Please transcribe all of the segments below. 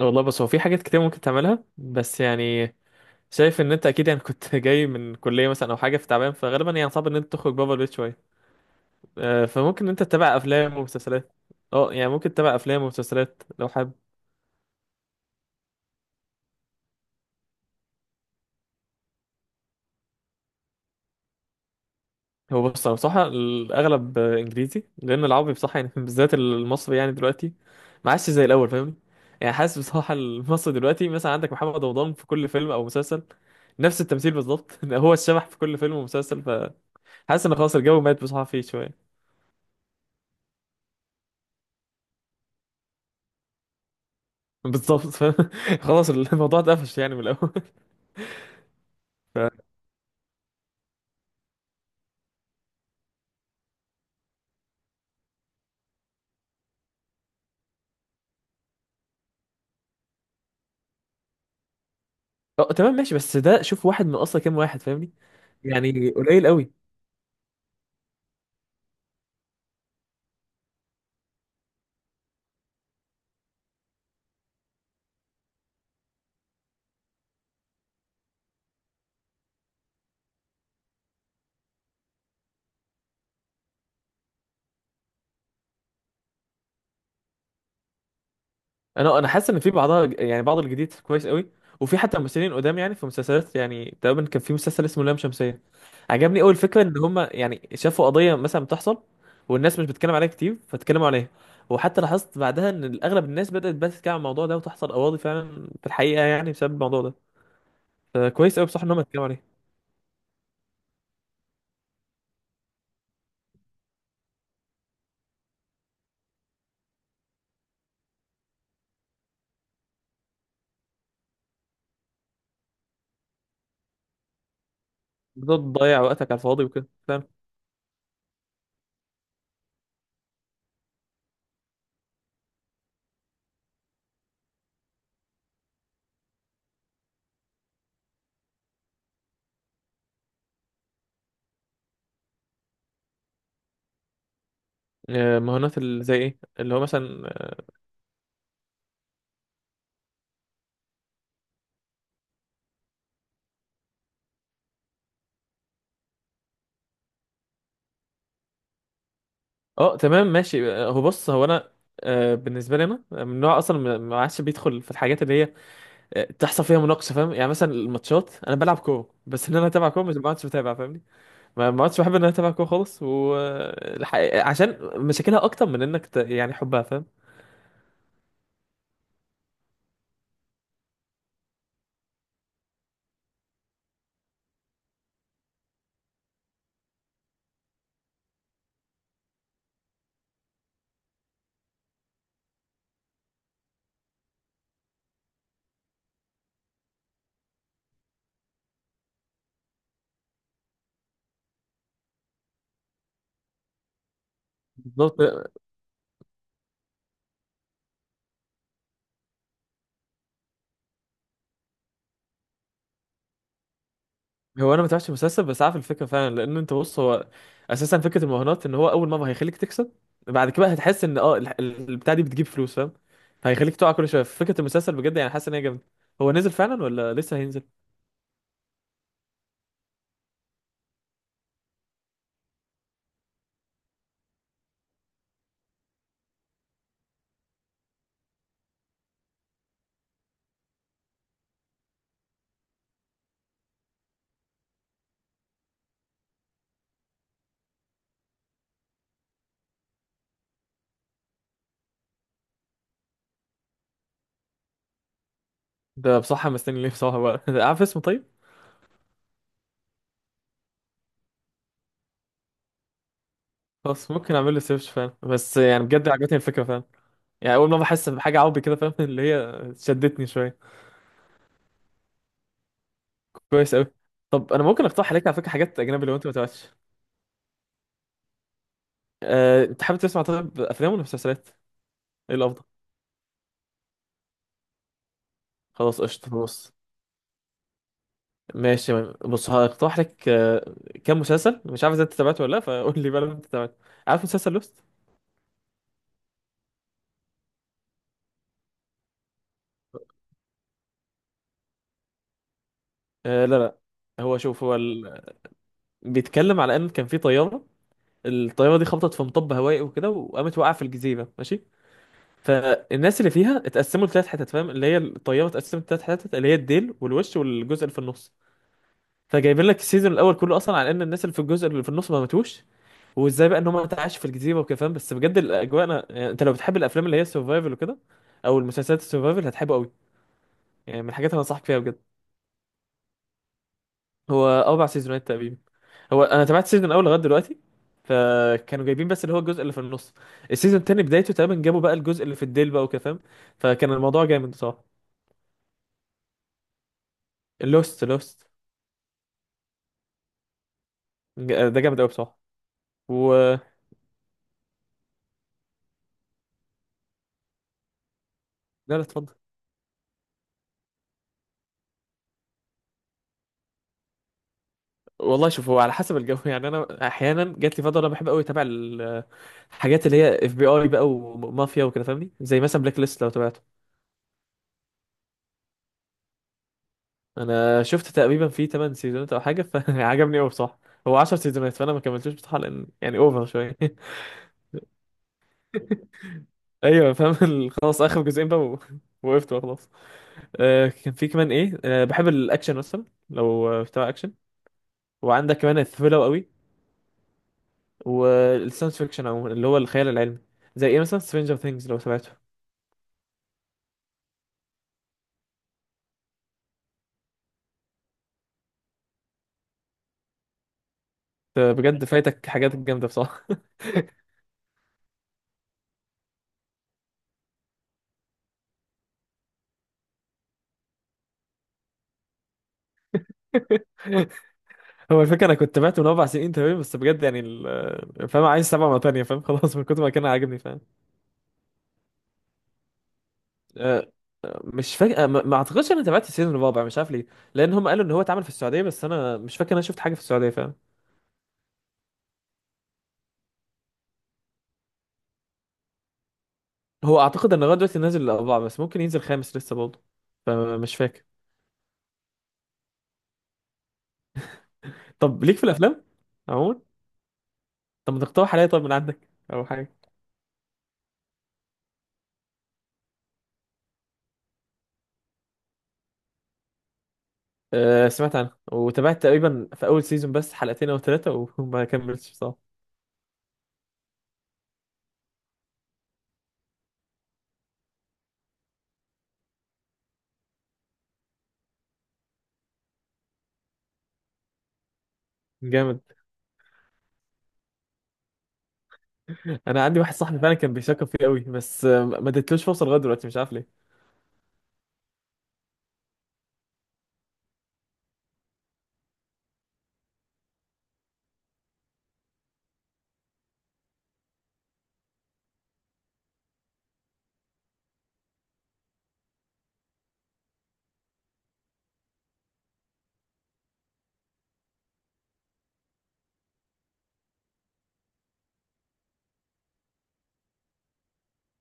والله بس هو في حاجات كتير ممكن تعملها بس يعني شايف ان انت اكيد يعني كنت جاي من كليه مثلا او حاجه في تعبان فغالبا يعني صعب ان انت تخرج بابا البيت شويه. فممكن ان انت تتابع افلام ومسلسلات. اه يعني ممكن تتابع افلام ومسلسلات لو حابب. هو بص انا بصراحه الاغلب انجليزي، لان العربي بصراحه يعني بالذات المصري يعني دلوقتي ما عادش زي الاول فاهمني. يعني حاسس بصراحه المصري دلوقتي مثلا عندك محمد رمضان في كل فيلم او مسلسل، نفس التمثيل بالظبط. هو الشبح في كل فيلم ومسلسل، فحاسس ان خلاص الجو مات بصراحه فيه شويه. بالظبط، فاهم؟ خلاص الموضوع اتقفش يعني من الاول. ف... تمام ماشي، بس ده شوف واحد، من اصلا كام واحد فاهمني؟ يعني قليل قوي. انا حاسس ان في بعضها، يعني بعض الجديد كويس قوي، وفي حتى ممثلين قدام. يعني في مسلسلات، يعني تقريبا كان في مسلسل اسمه لام شمسية، عجبني قوي الفكره، ان هم يعني شافوا قضيه مثلا بتحصل والناس مش بتتكلم عليها كتير فاتكلموا عليها. وحتى لاحظت بعدها ان اغلب الناس بدات بقى تتكلم عن الموضوع ده، وتحصل قواضي فعلا في الحقيقه يعني بسبب الموضوع ده. فكويس قوي بصح ان هم اتكلموا عليه. بدل تضيع وقتك على الفاضي وكده. مهارات اللي زي ايه، اللي هو مثلا؟ اه، تمام ماشي. هو بص، هو انا بالنسبه لي انا من نوع اصلا ما عادش بيدخل في الحاجات اللي هي تحصل فيها مناقشه، فاهم؟ يعني مثلا الماتشات انا بلعب كوره، بس ان انا اتابع كوره، مش ما عادش بتابع فاهمني. ما عادش بحب ان انا اتابع كوره خالص، و الحقيقة- عشان مشاكلها اكتر من انك ت... يعني حبها فاهم. بالظبط. هو انا ما تابعتش المسلسل، بس عارف الفكره فعلا، لان انت بص، هو اساسا فكره المراهنات ان هو اول مره هيخليك تكسب، بعد كده هتحس ان اه ال- ال- البتاع دي بتجيب فلوس فاهم، هيخليك تقع كل شويه. فكره المسلسل بجد يعني حاسس ان هي جامده. هو نزل فعلا ولا لسه هينزل؟ ده بصراحه مستني ليه بصراحه بقى. عارف اسمه طيب؟ خلاص ممكن اعمل له سيرش فعلا، بس يعني بجد عجبتني الفكره فعلا. يعني اول مره بحس بحاجه عربي كده فاهم، اللي هي شدتني شويه. كويس قوي. طب انا ممكن اقترح عليك على فكره حاجات اجنبي لو انت ما تابعتش. أه... انت حابب تسمع طيب افلام ولا مسلسلات؟ ايه الافضل؟ خلاص قشطة، بص، ماشي، بص هقترح لك كام مسلسل، مش عارف اذا انت تابعته ولا لا، فقول لي بقى لو انت تابعته. عارف مسلسل لوست؟ آه لا لا، هو شوف هو ال... بيتكلم على ان كان في طيارة، الطيارة دي خبطت في مطب هوائي وكده وقامت وقع في الجزيرة ماشي. فالناس اللي فيها اتقسموا لثلاث حتت، فاهم؟ اللي هي الطيارة اتقسمت لثلاث حتت، اللي هي الديل والوش والجزء اللي في النص. فجايبين لك السيزون الاول كله اصلا على ان الناس اللي في الجزء اللي في النص ما ماتوش، وازاي بقى ان هم تعيش في الجزيره وكده فاهم. بس بجد الاجواء، انا يعني انت لو بتحب الافلام اللي هي السرفايفل وكده، او المسلسلات السرفايفل، هتحبه قوي. يعني من الحاجات اللي انصحك فيها بجد. هو اربع سيزونات تقريبا. هو انا تابعت سيزون الاول لغايه دلوقتي، فكانوا جايبين بس اللي هو الجزء اللي في النص. السيزون التاني بدايته تقريبا جابوا بقى الجزء اللي في الديل بقى وكده فاهم. فكان الموضوع جامد بصراحه. لوست لوست. ده جامد قوي بصراحه. و لا لا اتفضل. والله شوف، هو على حسب الجو. يعني انا احيانا جات لي فتره انا بحب قوي اتابع ال- الحاجات اللي هي اف بي اي بقى ومافيا وكده فاهمني، زي مثلا بلاك ليست لو تابعته. انا شفت تقريبا فيه 8 سيزونات او حاجه، فعجبني قوي بصراحه. هو 10 سيزونات، فانا ما كملتوش بصراحه لان يعني اوفر شويه. ايوه فاهم ال- خلاص اخر جزئين بقى و- وقفت بقى خلاص. آه كان في كمان ايه، آه بحب الاكشن مثلا، لو بتابع اكشن. وعندك كمان الثريلر قوي، والساينس فيكشن عموما، اللي هو الخيال العلمي. زي ايه مثلا سترينجر ثينجز لو تابعته. بجد فايتك حاجات جامده بصراحه. هو الفكره انا كنت بعت من اربع سنين تمام، بس بجد يعني ال- فاهم، عايز سبعه مره تانيه فاهم، خلاص من كتر ما كان عاجبني فاهم. أه، مش فاكر، ما اعتقدش انا تابعت السيزون الرابع، مش عارف ليه. لان هم قالوا ان هو اتعمل في السعوديه، بس انا مش فاكر إن انا شفت حاجه في السعوديه فاهم. هو اعتقد ان لغايه دلوقتي نازل الاربعه، بس ممكن ينزل خامس لسه برضه، فمش فاكر. طب ليك في الافلام عموما، طب ما تقترح عليا طيب من عندك، او حاجه. أه سمعت عنه، وتابعت تقريبا في اول سيزون بس حلقتين او ثلاثه، وما كملتش بصراحه. جامد. انا عندي واحد صاحبي فعلا كان بيشكر فيه قوي، بس ما اديتلوش فرصه لغايه دلوقتي، مش عارف ليه.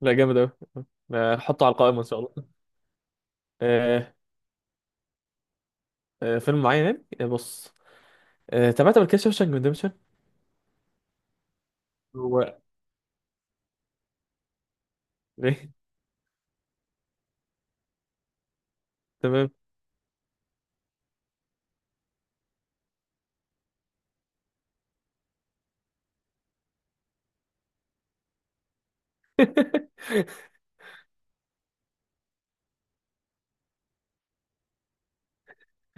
لا جامد قوي، هحطه على القائمه ان شاء الله. أه. أه فيلم معين يعني، بص، أه تابعت قبل كده شوشانك ريدمشن. هو. ليه؟ تمام.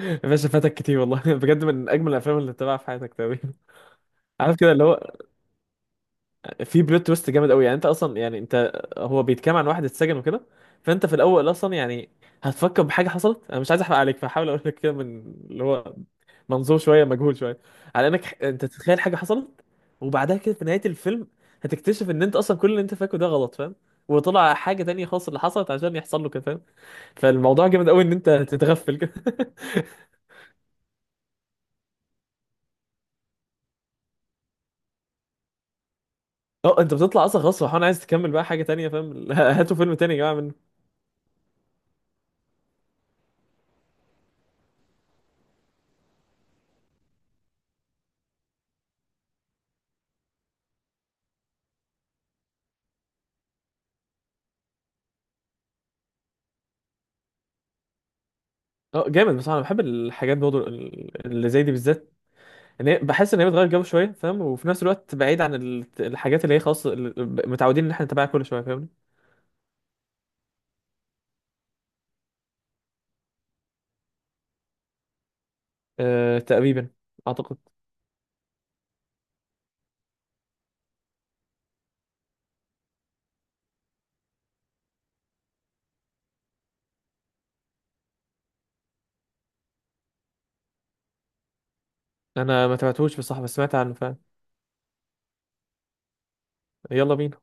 يا باشا فاتك كتير والله، بجد من اجمل الافلام اللي تتابعها في حياتك تقريبا. عارف كده اللي هو في بلوت تويست جامد قوي. يعني انت اصلا يعني انت، هو بيتكلم عن واحد اتسجن وكده، فانت في الاول اصلا يعني هتفكر بحاجه حصلت، انا مش عايز احرق عليك فحاول اقول لك كده من اللي هو منظور شويه مجهول شويه، على انك ح- انت تتخيل حاجه حصلت، وبعدها كده في نهايه الفيلم هتكتشف ان انت اصلا كل اللي انت فاكره ده غلط فاهم، وطلع حاجه تانية خالص اللي حصلت عشان يحصل له كده فاهم. فالموضوع جامد قوي ان انت تتغفل كده. اه انت بتطلع اصلا خلاص فرحان، عايز تكمل بقى حاجه تانية فاهم، هاتوا فيلم تاني يا جماعه. اه جامد بصراحه، انا بحب الحاجات برضه ال- اللي زي دي بالذات، ان هي بحس ان هي بتغير جو شويه فاهم، وفي نفس الوقت بعيد عن ال- الحاجات اللي هي خلاص ال- متعودين ان احنا نتابعها كل شويه فاهمني. أه تقريبا، اعتقد. انا ما تابعتهوش بصراحه، بس سمعت عنه فاهم. يلا بينا.